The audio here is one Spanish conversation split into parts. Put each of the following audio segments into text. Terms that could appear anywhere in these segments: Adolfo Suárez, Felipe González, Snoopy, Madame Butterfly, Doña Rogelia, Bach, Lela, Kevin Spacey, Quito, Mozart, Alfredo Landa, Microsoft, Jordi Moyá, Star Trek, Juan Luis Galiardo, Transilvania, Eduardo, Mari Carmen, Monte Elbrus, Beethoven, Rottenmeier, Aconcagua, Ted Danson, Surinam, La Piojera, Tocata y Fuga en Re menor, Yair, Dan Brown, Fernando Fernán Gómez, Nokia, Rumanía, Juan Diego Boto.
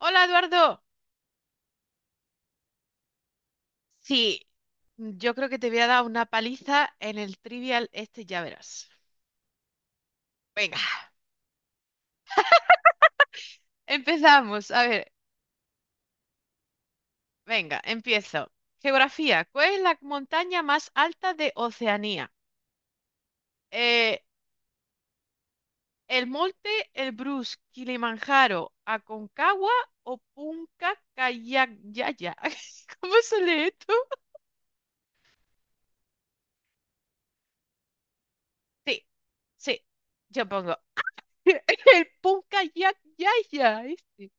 Hola, Eduardo. Sí, yo creo que te voy a dar una paliza en el trivial este, ya verás. Venga, empezamos. A ver, venga, empiezo. Geografía, ¿cuál es la montaña más alta de Oceanía? Eh, ¿El Monte Elbrus, Kilimanjaro, Aconcagua o Punca Kayakaya? ¿Cómo se lee esto? Sí, sí, yo pongo el Punca Kayakaya. Este.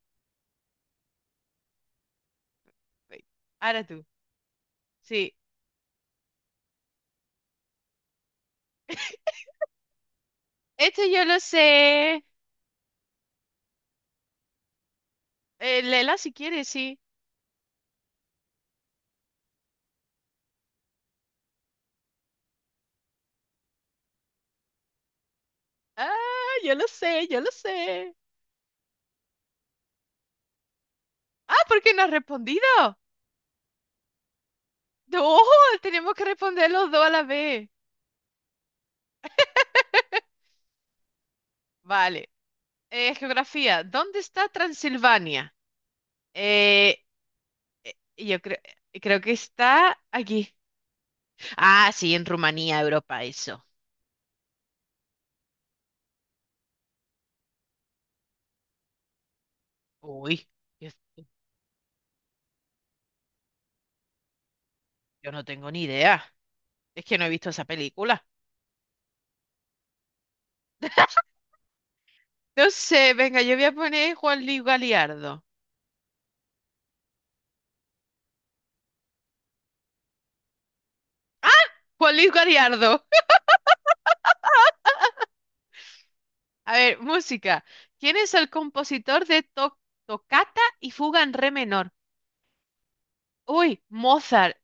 Ahora tú, sí. Esto yo lo sé. Lela, si quieres, sí. Ah, yo lo sé, yo lo sé. Ah, ¿por qué no has respondido? No, tenemos que responder los dos a la vez. Vale. Geografía. ¿Dónde está Transilvania? Eh, yo creo, Creo que está aquí. Ah, sí, en Rumanía, Europa, eso. Uy, yo, yo no tengo ni idea. Es que no he visto esa película. No sé, venga, yo voy a poner Juan Luis Galiardo. Juan Luis Galiardo. A ver, música. ¿Quién es el compositor de Tocata y Fuga en Re menor? Uy, Mozart,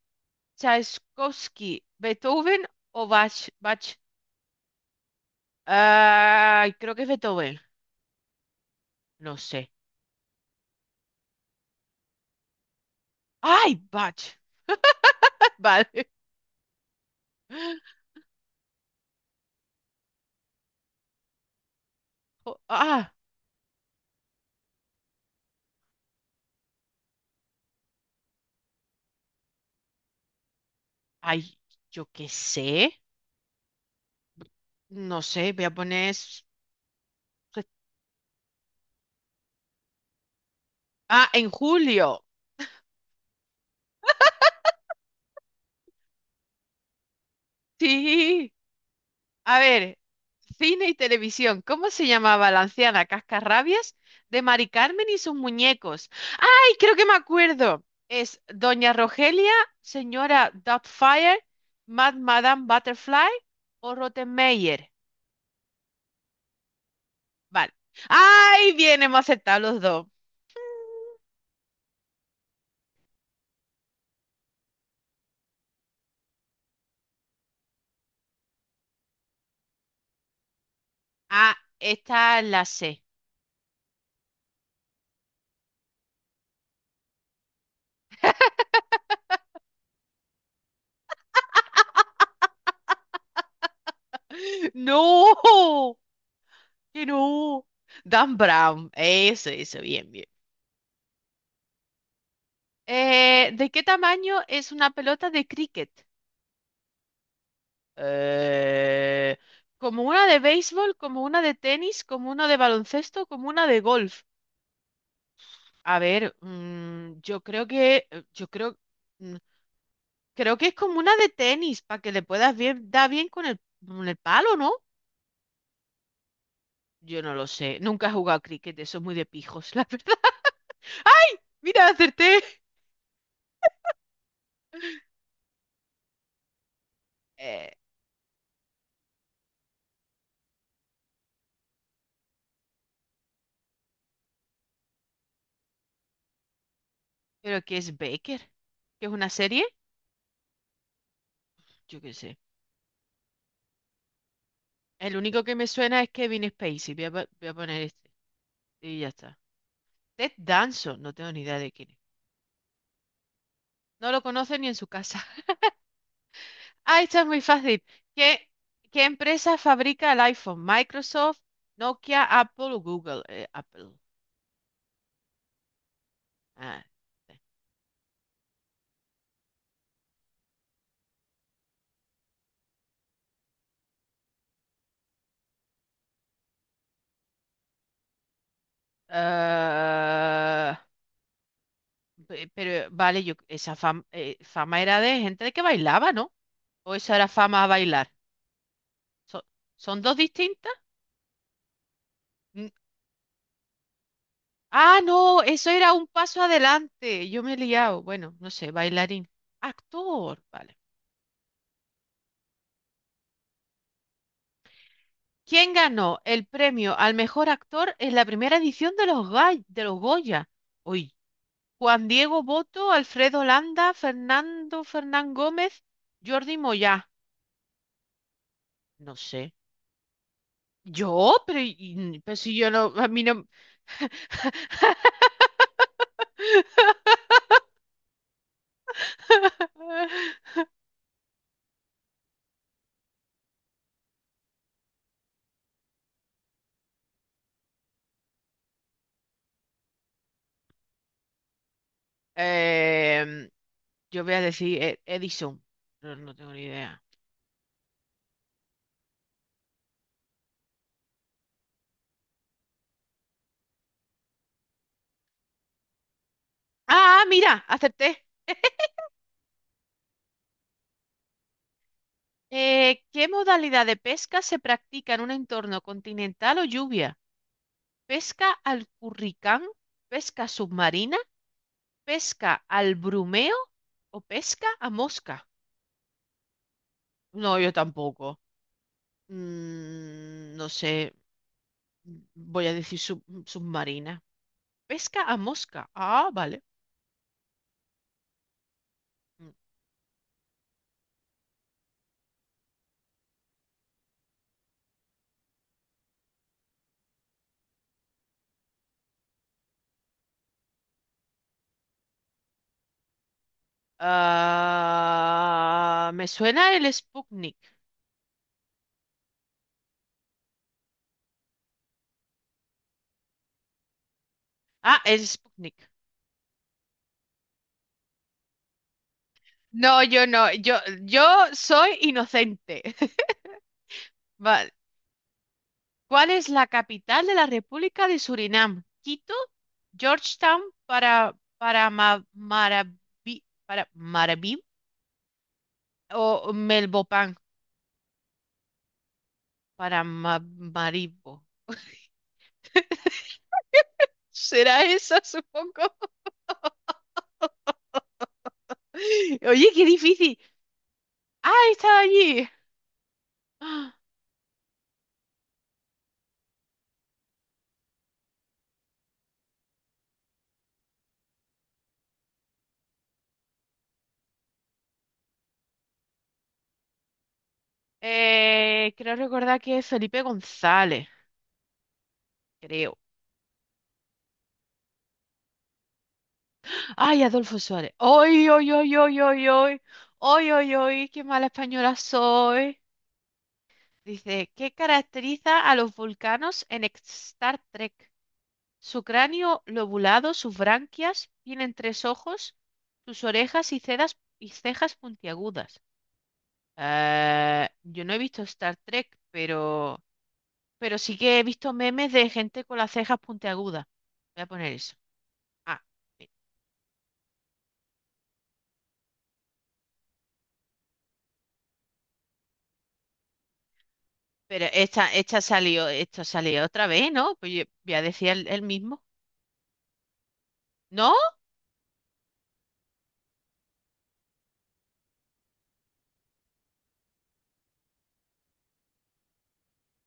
Tchaikovsky, Beethoven o Bach. Bach. Ay, creo que es Beethoven. No sé. Ay, Bach. Vale. Jo- Ah, Ay, yo qué sé. No sé, voy a poner... Ah, en julio. Sí. A ver, cine y televisión. ¿Cómo se llamaba la anciana Cascarrabias de Mari Carmen y sus muñecos? ¡Ay, creo que me acuerdo! Es Doña Rogelia, señora Doubtfire, Mad Madame Butterfly o Rottenmeier. Vale. ¡Ay, bien, hemos aceptado los dos! Ah, esta la sé. ¡No! ¡Que no! Dan Brown. Eso, bien, bien. ¿De qué tamaño es una pelota de cricket? Eh, Como una de béisbol, como una de tenis, como una de baloncesto, como una de golf. A ver, yo creo, mm, creo que es como una de tenis, para que le puedas bien, dar bien con con el palo, ¿no? Yo no lo sé, nunca he jugado a cricket, eso es muy de pijos, la verdad. ¡Ay! Mira, acerté. Eh, ¿Pero qué es Baker? ¿Qué es una serie? Yo qué sé. El único que me suena es Kevin Spacey. Voy a, voy a poner este. Y ya está. Ted Danson, no tengo ni idea de quién es. No lo conoce ni en su casa. Ah, esta es muy fácil. ¿Qué, ¿Qué empresa fabrica el iPhone? Microsoft, Nokia, Apple o Google. Apple. Ah, sí. Ah, pero vale, yo, esa fama era de gente que bailaba, ¿no? ¿O eso era fama a bailar? So- ¿Son dos distintas? Mm, Ah, no, eso era un paso adelante. Yo me he liado. Bueno, no sé, bailarín. Actor, vale. ¿Quién ganó el premio al mejor actor en la primera edición de los Goya? Uy, Juan Diego Boto, Alfredo Landa, Fernando Fernán Gómez, Jordi Moyá. No sé. ¿Yo? Pero si yo no, a mí no. Em, yo voy a decir Edison. No, no tengo ni idea. Ah, mira, acerté. ¿Qué modalidad de pesca se practica en un entorno continental o lluvia? Pesca al curricán, pesca submarina, pesca al brumeo o pesca a mosca. No, yo tampoco. No sé, voy a decir submarina. Pesca a mosca. Ah, vale. Mm. Ah, me suena el Sputnik. Ah, el Sputnik. No, yo soy inocente. Vale. ¿Cuál es la capital de la República de Surinam? Quito, Georgetown, para Marabí o Melbopan para Ma- Maribo. ¿Será esa, supongo? Oye, qué difícil. Ah, estaba allí. Ah, creo recordar que es Felipe González, creo. Ay, Adolfo Suárez. Ay, ay, ay, ay, ay, ay. Ay, ay, ay, qué mala española soy. Dice, ¿qué caracteriza a los vulcanos en Star Trek? Su cráneo lobulado, sus branquias, tienen tres ojos, sus orejas y cejas puntiagudas. Yo no he visto Star Trek, pero sí que he visto memes de gente con las cejas puntiagudas. Voy a poner eso. Ah, mira. Pero esto salió otra vez, ¿no? Pues yo ya decía el mismo. ¿No?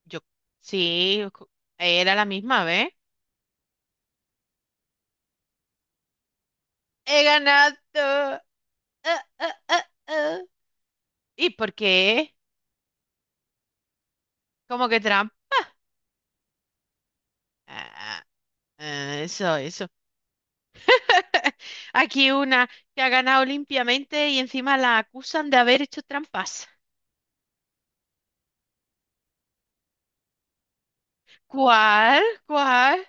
Yo sí, era la misma vez. He ganado. Ah, ah, ah, ah. ¿Y por qué? ¿Cómo que trampa? Ah, ah, eso, eso. Aquí una que ha ganado limpiamente y encima la acusan de haber hecho trampas. ¿Cuál? ¿Cuál?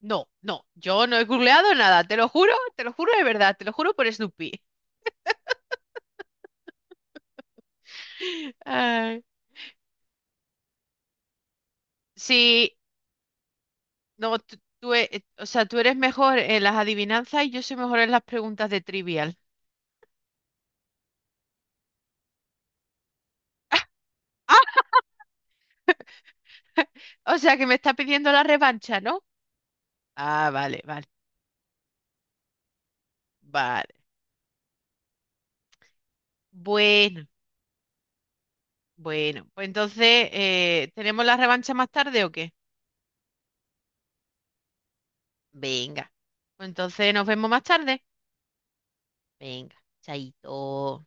No, no, yo no he googleado nada, te lo juro de verdad, te lo juro por Snoopy. Ay. Sí, no, tú e- o sea, tú eres mejor en las adivinanzas y yo soy mejor en las preguntas de trivial. Ah, o sea que me está pidiendo la revancha, ¿no? Ah, vale, vale, vale. Bueno, bueno, pues entonces, ¿tenemos la revancha más tarde o qué? Venga, pues entonces nos vemos más tarde. Venga, chaito.